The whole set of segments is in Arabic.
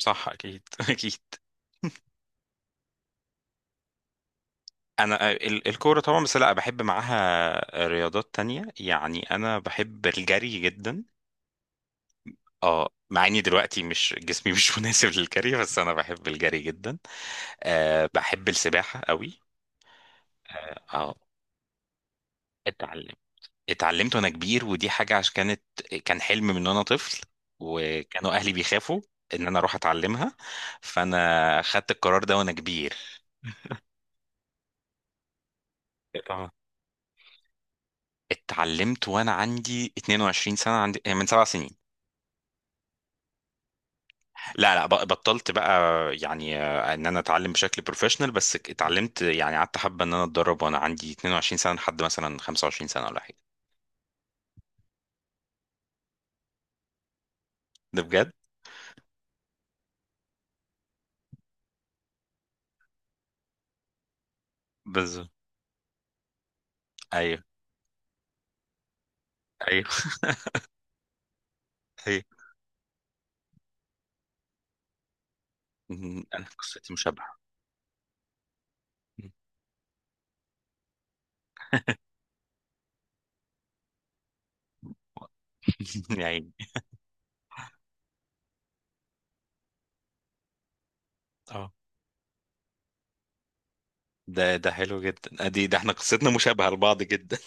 صح اكيد اكيد. انا الكوره طبعا، بس لا، بحب معاها رياضات تانية. يعني انا بحب الجري جدا. اه، مع اني دلوقتي مش جسمي مش مناسب للجري، بس انا بحب الجري جدا. أه، بحب السباحه قوي. اه آه، اتعلم اتعلمت وانا كبير، ودي حاجه عشان كان حلم من وانا طفل، وكانوا اهلي بيخافوا ان انا اروح اتعلمها. فانا خدت القرار ده وانا كبير. اتعلمت وانا عندي 22 سنه، عندي آه، من 7 سنين. لا لا، بطلت بقى. يعني ان انا اتعلم بشكل بروفيشنال، بس اتعلمت. يعني قعدت حبه ان انا اتدرب وانا عندي 22 سنه لحد مثلا 25 سنه ولا حاجه. ده بجد. بالظبط. ايوه ايوه ايوه. انا قصتي مشابهه. يا عيني. اه، ده حلو جدا. ادي ده احنا قصتنا مشابهه لبعض جدا.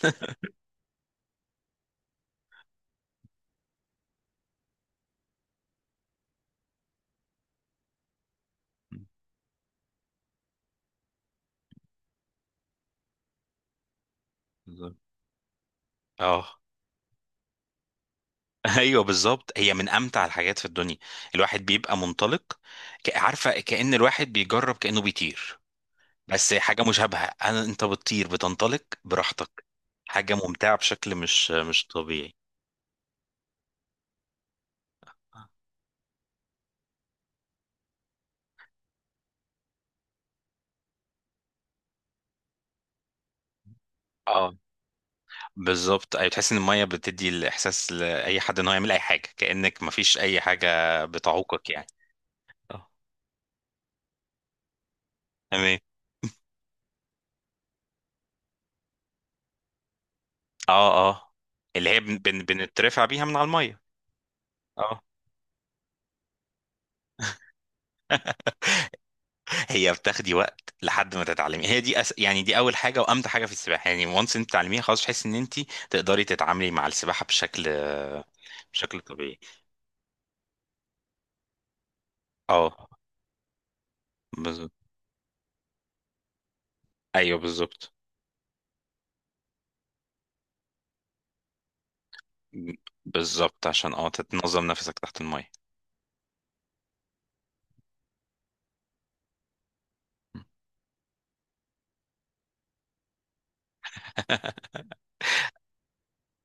بالظبط. اه. ايوه، بالظبط، هي من امتع الحاجات في الدنيا. الواحد بيبقى منطلق، عارفه كأن الواحد بيجرب، كأنه بيطير. بس حاجه مشابهه، انا انت بتطير، بتنطلق براحتك. حاجه ممتعه بشكل مش طبيعي. اه بالظبط. ايوه، تحس ان الميه بتدي الاحساس لاي حد ان هو يعمل اي حاجه، كأنك مفيش اي حاجه بتعوقك يعني. اه، تمام. اه اه. اللي هي بن بن بنترفع بيها من على الميه. اه، هي بتاخدي وقت لحد ما تتعلمي. هي دي يعني دي اول حاجه وامتع حاجه في السباحه، يعني وانس انت تتعلميها خلاص، تحس ان انت تقدري تتعاملي مع السباحه بشكل طبيعي. اه بالظبط. ايوه، بالظبط بالظبط، عشان تتنظم نفسك تحت الميه.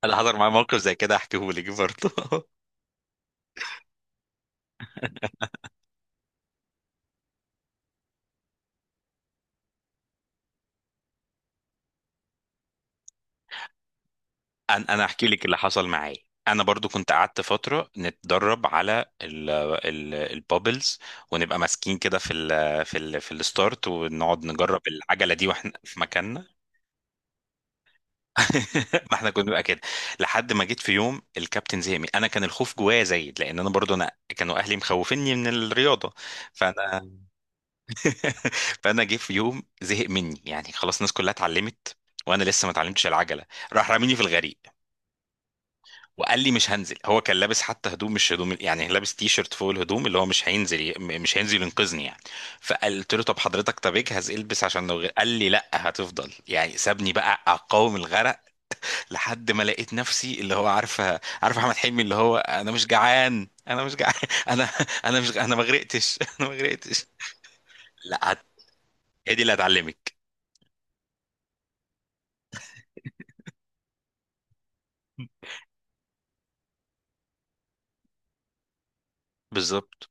انا حضر معايا موقف زي كده احكيه لك برضه انا احكي لك اللي حصل معايا. انا برضو كنت قعدت فتره نتدرب على ال البابلز، ونبقى ماسكين كده في الستارت، ونقعد نجرب العجله دي واحنا في مكاننا. ما احنا كنا بنبقى كده لحد ما جيت في يوم الكابتن زهق مني. انا كان الخوف جوايا زايد لان انا برضو كانوا اهلي مخوفيني من الرياضه. فانا فانا جه في يوم زهق مني، يعني خلاص الناس كلها اتعلمت وانا لسه ما اتعلمتش العجله. راح راميني في الغريق، وقال لي مش هنزل. هو كان لابس حتى هدوم، مش هدوم، يعني لابس تي شيرت فوق الهدوم، اللي هو مش هينزل، ينقذني يعني. فقلت له طب حضرتك، طب اجهز، البس عشان لو غير. قال لي لا هتفضل، يعني سابني بقى اقاوم الغرق لحد ما لقيت نفسي، اللي هو عارفه، عارف احمد حلمي، اللي هو انا مش جعان، انا مش جعان انا انا ما غرقتش انا ما غرقتش. لا هت- هي دي اللي هتعلمك. بالظبط.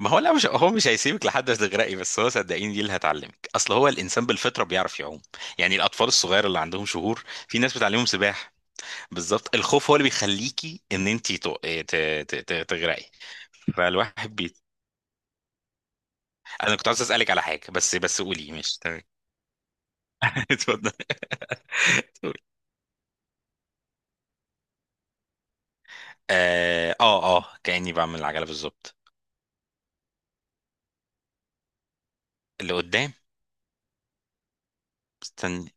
ما هو لا، مش هو مش هيسيبك لحد تغرقي، بس هو صدقيني دي اللي هتعلمك. اصل هو الانسان بالفطره بيعرف يعوم. يعني الاطفال الصغير اللي عندهم شهور في ناس بتعلمهم سباحه. بالظبط، الخوف هو اللي بيخليكي ان انت تغرقي. فالواحد بي... انا كنت عايز اسالك على حاجه، بس قولي ماشي تمام. اتفضل. اه اه، كاني بعمل العجله بالظبط. اللي قدام. استني.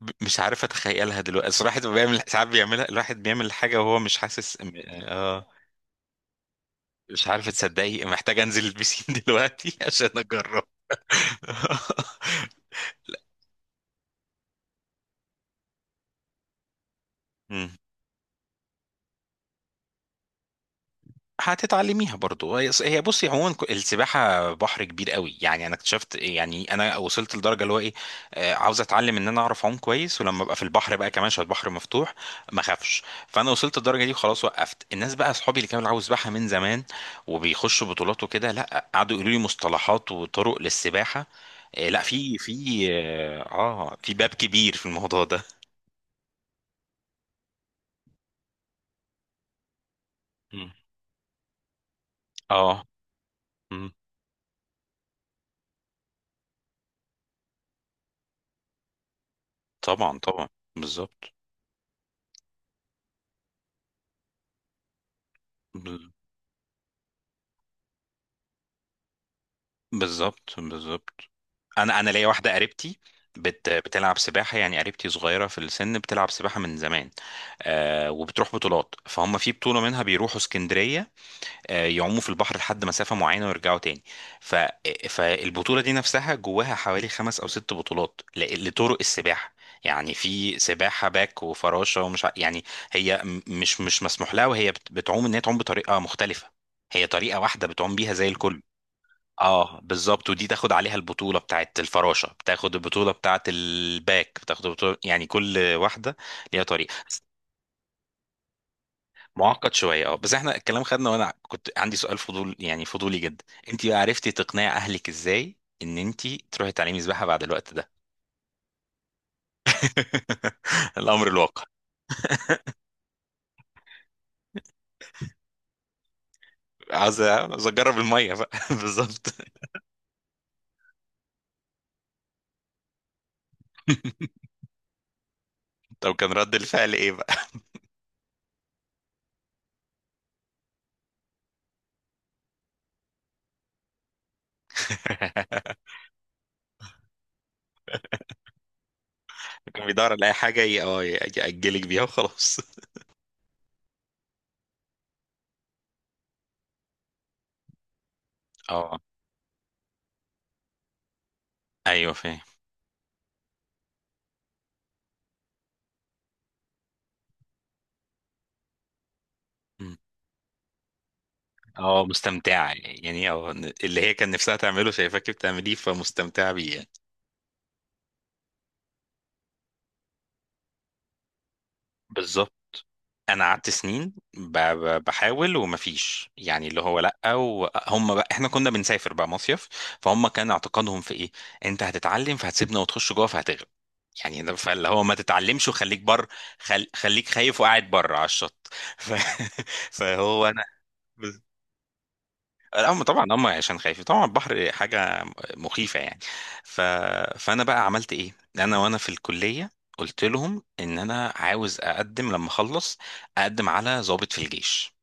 مش عارف اتخيلها دلوقتي الصراحه. الواحد بيعمل ساعات بيعملها، الواحد بيعمل حاجه وهو مش حاسس. اه، مش عارف تصدقي، محتاج انزل البسين دلوقتي عشان اجرب مم. هتتعلميها برضو. هي بصي عموما، السباحه بحر كبير قوي. يعني انا اكتشفت إيه، يعني انا وصلت لدرجه اللي هو ايه، عاوز اتعلم ان انا اعرف اعوم كويس، ولما ابقى في البحر بقى كمان عشان البحر مفتوح، ما اخافش. فانا وصلت للدرجه دي وخلاص وقفت. الناس بقى اصحابي اللي كانوا عاوز سباحه من زمان وبيخشوا بطولات وكده، لا قعدوا يقولوا لي مصطلحات وطرق للسباحه. إيه، لا، في اه، في باب كبير في الموضوع ده. مم. اه. مم. طبعا طبعا. بالظبط. بال- بالظبط بالظبط. انا ليا واحده قريبتي بتلعب سباحه. يعني قريبتي صغيره في السن بتلعب سباحه من زمان، وبتروح بطولات، فهم في بطوله منها بيروحوا اسكندريه. يعوموا في البحر لحد مسافة معينة ويرجعوا تاني. ف... فالبطولة دي نفسها جواها حوالي 5 أو 6 بطولات لطرق السباحة. يعني في سباحة باك وفراشة، ومش يعني هي مش مسموح لها وهي بتعوم إن هي تعوم بطريقة مختلفة. هي طريقة واحدة بتعوم بيها زي الكل. اه بالظبط، ودي تاخد عليها البطولة بتاعت الفراشة، بتاخد البطولة بتاعت الباك، بتاخد البطولة، يعني كل واحدة ليها طريقة. معقد شويه، اه، بس احنا الكلام خدنا. وانا كنت عندي سؤال فضول، يعني فضولي جدا، انت بقى عرفتي تقنعي اهلك ازاي ان انت تروحي تعلمي سباحه بعد الوقت ده؟ الامر الواقع. عايز اجرب الميه بقى بالظبط. طب كان رد الفعل ايه بقى؟ كان بيدور على اي حاجه ياجلك بيها وخلاص. اه ايوه فاهم. مم. اه، مستمتعه يعني اللي هي كان نفسها تعمله، شايفاكي بتعمليه فمستمتعه بيه يعني. بالظبط. انا قعدت سنين بحاول ومفيش، يعني اللي هو لا. وهم بقى، احنا كنا بنسافر بقى مصيف، فهم كان اعتقادهم في ايه؟ انت هتتعلم فهتسيبنا وتخش جوه فهتغرق. يعني ده، فاللي هو ما تتعلمش وخليك بر، خليك خايف وقاعد بره على الشط. ف... فهو انا. لا، هم طبعا هم عشان خايفين، طبعا البحر حاجه مخيفه يعني. ف... فانا بقى عملت ايه؟ انا وانا في الكليه قلت لهم ان انا عاوز اقدم لما اخلص، اقدم على ضابط في الجيش،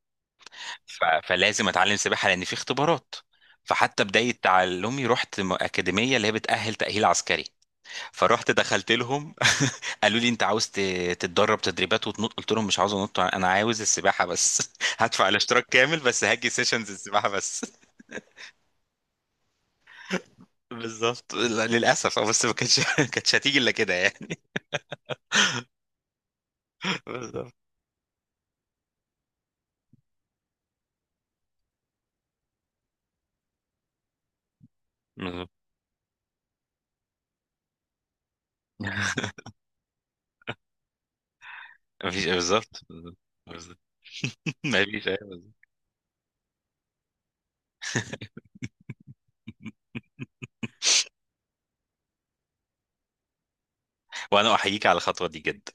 فلازم اتعلم سباحه لان في اختبارات. فحتى بدايه تعلمي رحت اكاديميه اللي هي بتاهل تاهيل عسكري. فرحت دخلت لهم قالوا لي انت عاوز تتدرب تدريبات وتنط؟ قلت لهم مش عاوز انط، انا عاوز السباحه بس هدفع الاشتراك كامل بس هاجي سيشنز السباحه بس. بالظبط. لا، للاسف، بس ما كانتش ما كانتش هتيجي الا كده يعني. بالظبط بالظبط. مفيش، بالظبط بالظبط بالظبط. مفيش، أيوة، بالظبط. وانا احييك على الخطوه دي جدا.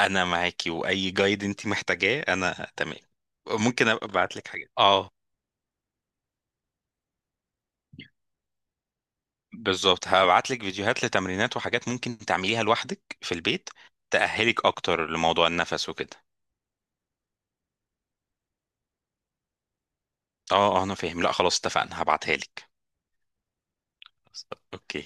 انا معاكي واي جايد انت محتاجاه انا تمام. ممكن ابقى ابعت لك حاجات. اه بالظبط، هبعت لك فيديوهات لتمرينات وحاجات ممكن تعمليها لوحدك في البيت، تأهلك اكتر لموضوع النفس وكده. اه اه، انا فاهم. لا خلاص، اتفقنا، هبعتها لك. اوكي.